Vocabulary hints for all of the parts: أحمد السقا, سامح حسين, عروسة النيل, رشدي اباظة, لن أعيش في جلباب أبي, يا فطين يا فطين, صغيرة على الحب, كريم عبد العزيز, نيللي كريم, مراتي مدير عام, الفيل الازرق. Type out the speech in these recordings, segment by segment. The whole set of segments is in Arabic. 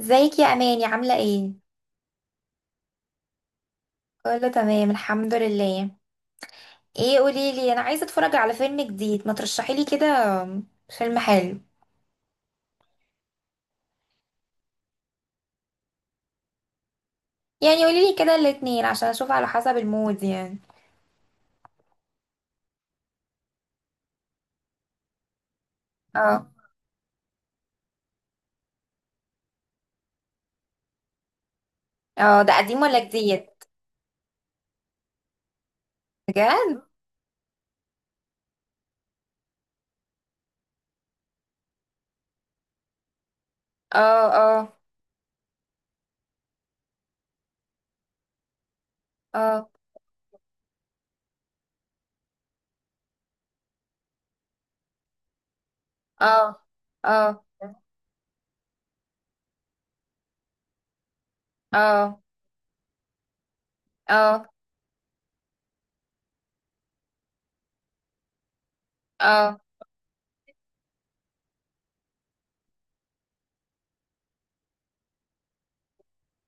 ازيك يا اماني؟ عامله ايه؟ كله تمام الحمد لله. ايه، قولي لي، انا عايزه اتفرج على فيلم جديد، ما ترشحي لي كده فيلم حلو. يعني قولي لي كده الاتنين عشان اشوف على حسب المود يعني. اه. اه، ده قديم ولا جديد؟ بجد؟ اه. اه. اه، اه. اه، اه. اه، اه. اه،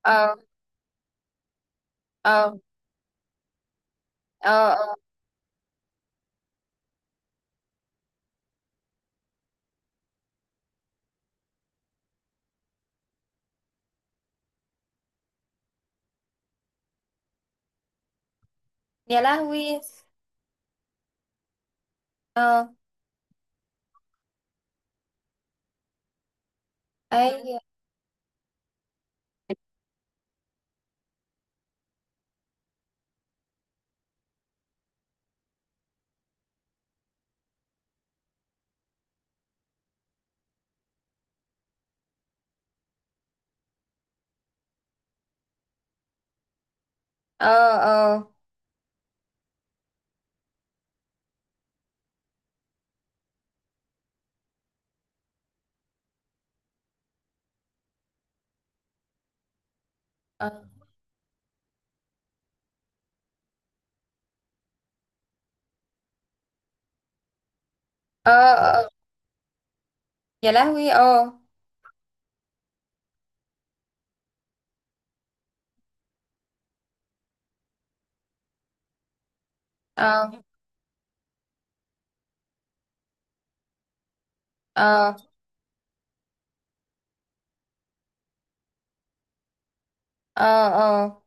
اه. اه اه. يا لهوي، اه. اي، اه. اه، اه، اه. اه، يا لهوي اه، اه. اه، اه. اه،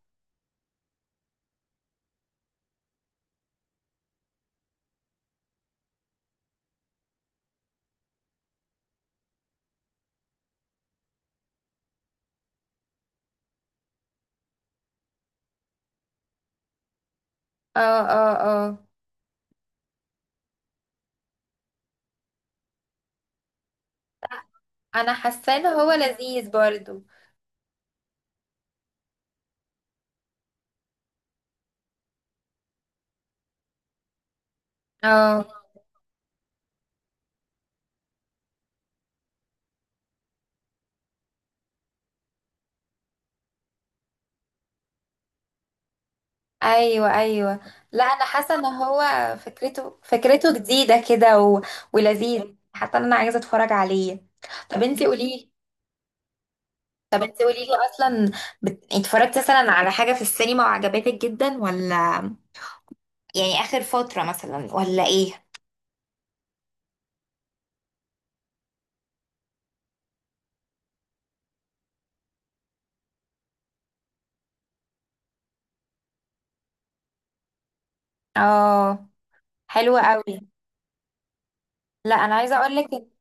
اه. اه، اه. انا حاسه ان هو لذيذ برضو. اه. ايوه، ايوه. لا، انا حاسه ان هو فكرته جديده كده ولذيذ، حتى انا عايزه اتفرج عليه. طب انتي قوليلي، طب انتي قوليلي اصلا اتفرجتي مثلا على حاجه في السينما وعجبتك جدا، ولا يعني اخر فتره مثلا، ولا ايه؟ اه. حلوه قوي. لا انا عايزه اقولك،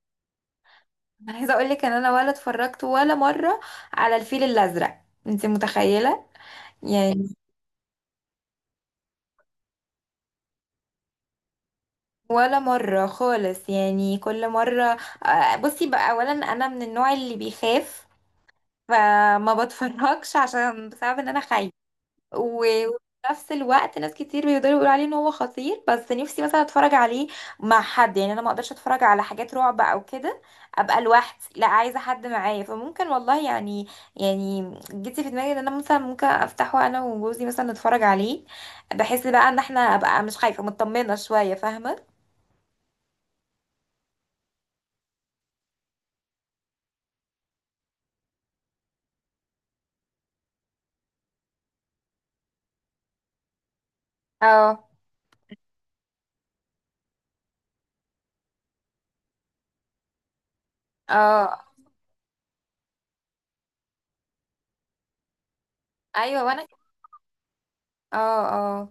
انا عايزه اقول لك ان انا ولا اتفرجت ولا مره على الفيل الازرق، انت متخيله؟ يعني ولا مره خالص، يعني كل مره. بصي بقى، اولا انا من النوع اللي بيخاف، فما بتفرجش عشان، بسبب ان انا خايفه. وفي نفس الوقت ناس كتير بيقدروا يقولوا عليه ان هو خطير، بس نفسي مثلا اتفرج عليه مع حد، يعني انا ما اقدرش اتفرج على حاجات رعب او كده ابقى لوحدي، لا عايزه حد معايا، فممكن والله يعني، يعني جيتي في دماغي ان انا مثلا ممكن افتحه انا وجوزي مثلا نتفرج عليه، بحس بقى ان احنا ابقى مش خايفه، مطمنه شويه، فاهمه؟ اه، اه. ايوه وانا. اه، اه.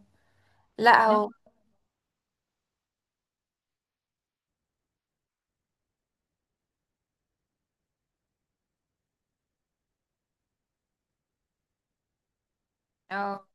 لا هو انا، اه.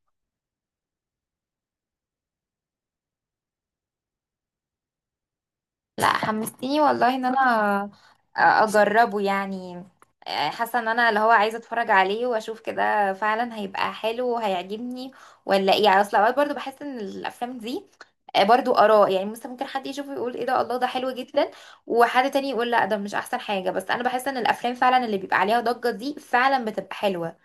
لا حمستيني والله ان انا اجربه يعني. حاسه ان انا اللي هو عايزه اتفرج عليه واشوف كده فعلا هيبقى حلو وهيعجبني، ولا ايه؟ يعني اصل اوقات برضو بحس ان الافلام دي برضو اراء، يعني مثلا ممكن حد يشوفه يقول ايه ده، الله ده حلو جدا، وحد تاني يقول لا ده مش احسن حاجه، بس انا بحس ان الافلام فعلا اللي بيبقى عليها ضجه دي فعلا بتبقى حلوه.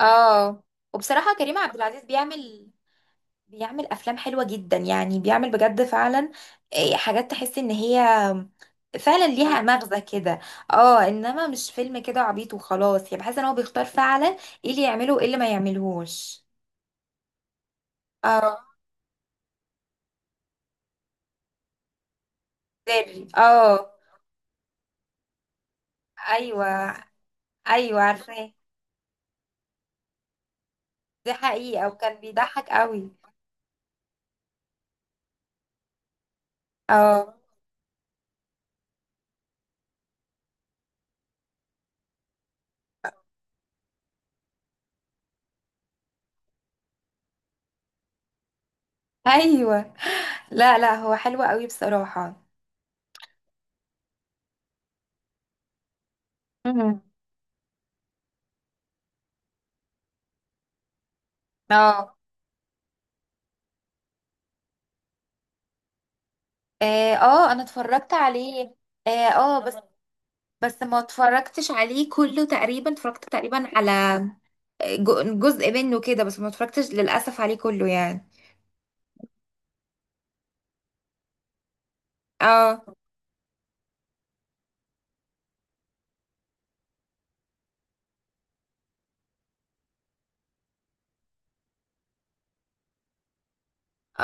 اه. وبصراحه كريم عبد العزيز بيعمل افلام حلوه جدا، يعني بيعمل بجد فعلا إيه، حاجات تحس ان هي فعلا ليها مغزى كده. اه، انما مش فيلم كده عبيط وخلاص، يعني بحس ان هو بيختار فعلا ايه اللي يعمله وايه اللي ما يعملهوش. اه، سري، اه. ايوه، ايوه، عارفاه. دي حقيقه، وكان بيضحك قوي. اه، ايوه. لا لا، هو حلو قوي بصراحه. مم. اه، اه، انا اتفرجت عليه. اه، بس ما اتفرجتش عليه كله تقريبا، اتفرجت تقريبا على جزء منه كده، بس ما اتفرجتش للأسف عليه كله يعني. اه،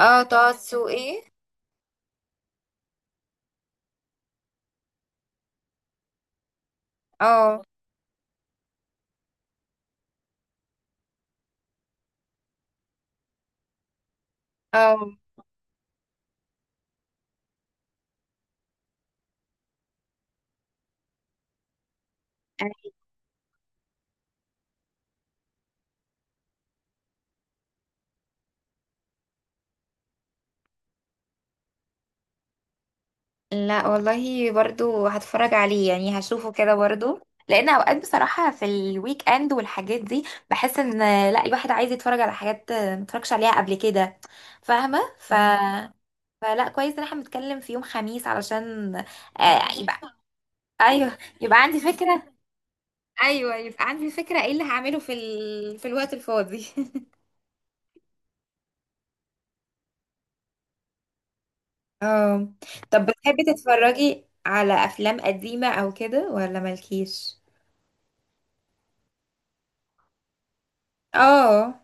اه. طه دسوقي. اه، اه. لا والله، برضو هتفرج عليه، يعني هشوفه كده برضو، لان اوقات بصراحة في الويك اند والحاجات دي بحس ان، لا الواحد عايز يتفرج على حاجات ما اتفرجش عليها قبل كده، فاهمة؟ فلا، كويس ان احنا بنتكلم في يوم خميس علشان يبقى، ايوه يبقى عندي فكرة. ايوه، أيوة. يبقى عندي فكره ايه اللي هعمله في في الوقت الفاضي. اه. طب بتحبي تتفرجي على افلام قديمة او كده، ولا مالكيش؟ اه.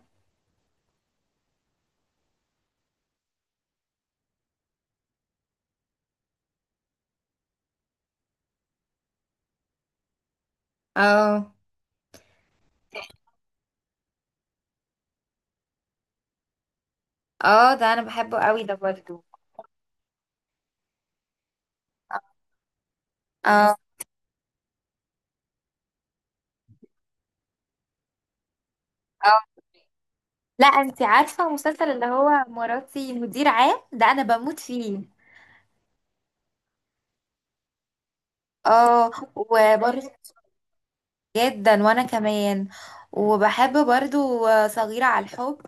اه. اه، ده انا بحبه قوي ده برضو. اه، اه. لا انتي عارفة المسلسل اللي هو مراتي مدير عام ده، انا بموت فيه. اه وبرضه، جدا وانا كمان، وبحب برضو صغيرة على الحب.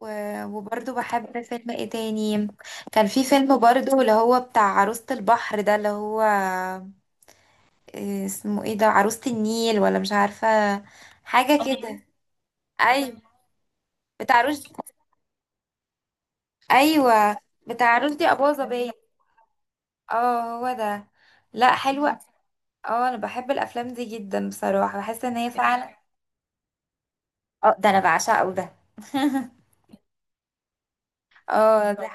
وبرضه بحب فيلم ايه تاني. كان في فيلم برضه اللي هو بتاع عروسة البحر ده، اللي هو إيه اسمه، ايه ده، عروسة النيل ولا مش عارفة، حاجة اه كده. ايوه، بتاع رشدي. ايوه بتاع رشدي اباظة باين. اه، هو ده. لا، حلوة. اه، انا بحب الافلام دي جدا بصراحة، بحس ان هي فعلا. اه، ده انا بعشقه ده. اه، ده.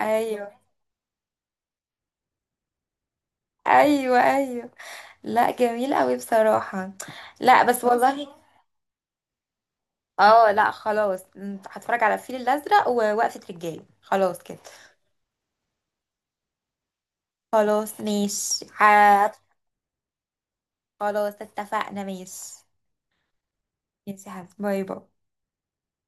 ايوه، ايوه، ايوه. لا، جميل قوي بصراحة. لا بس والله. اه، لا، خلاص، هتفرج على الفيل الازرق ووقفة رجاله، خلاص كده. خلاص، ماشي، خلاص اتفقنا، ماشي. ماشي يا حبيبي، باي باي.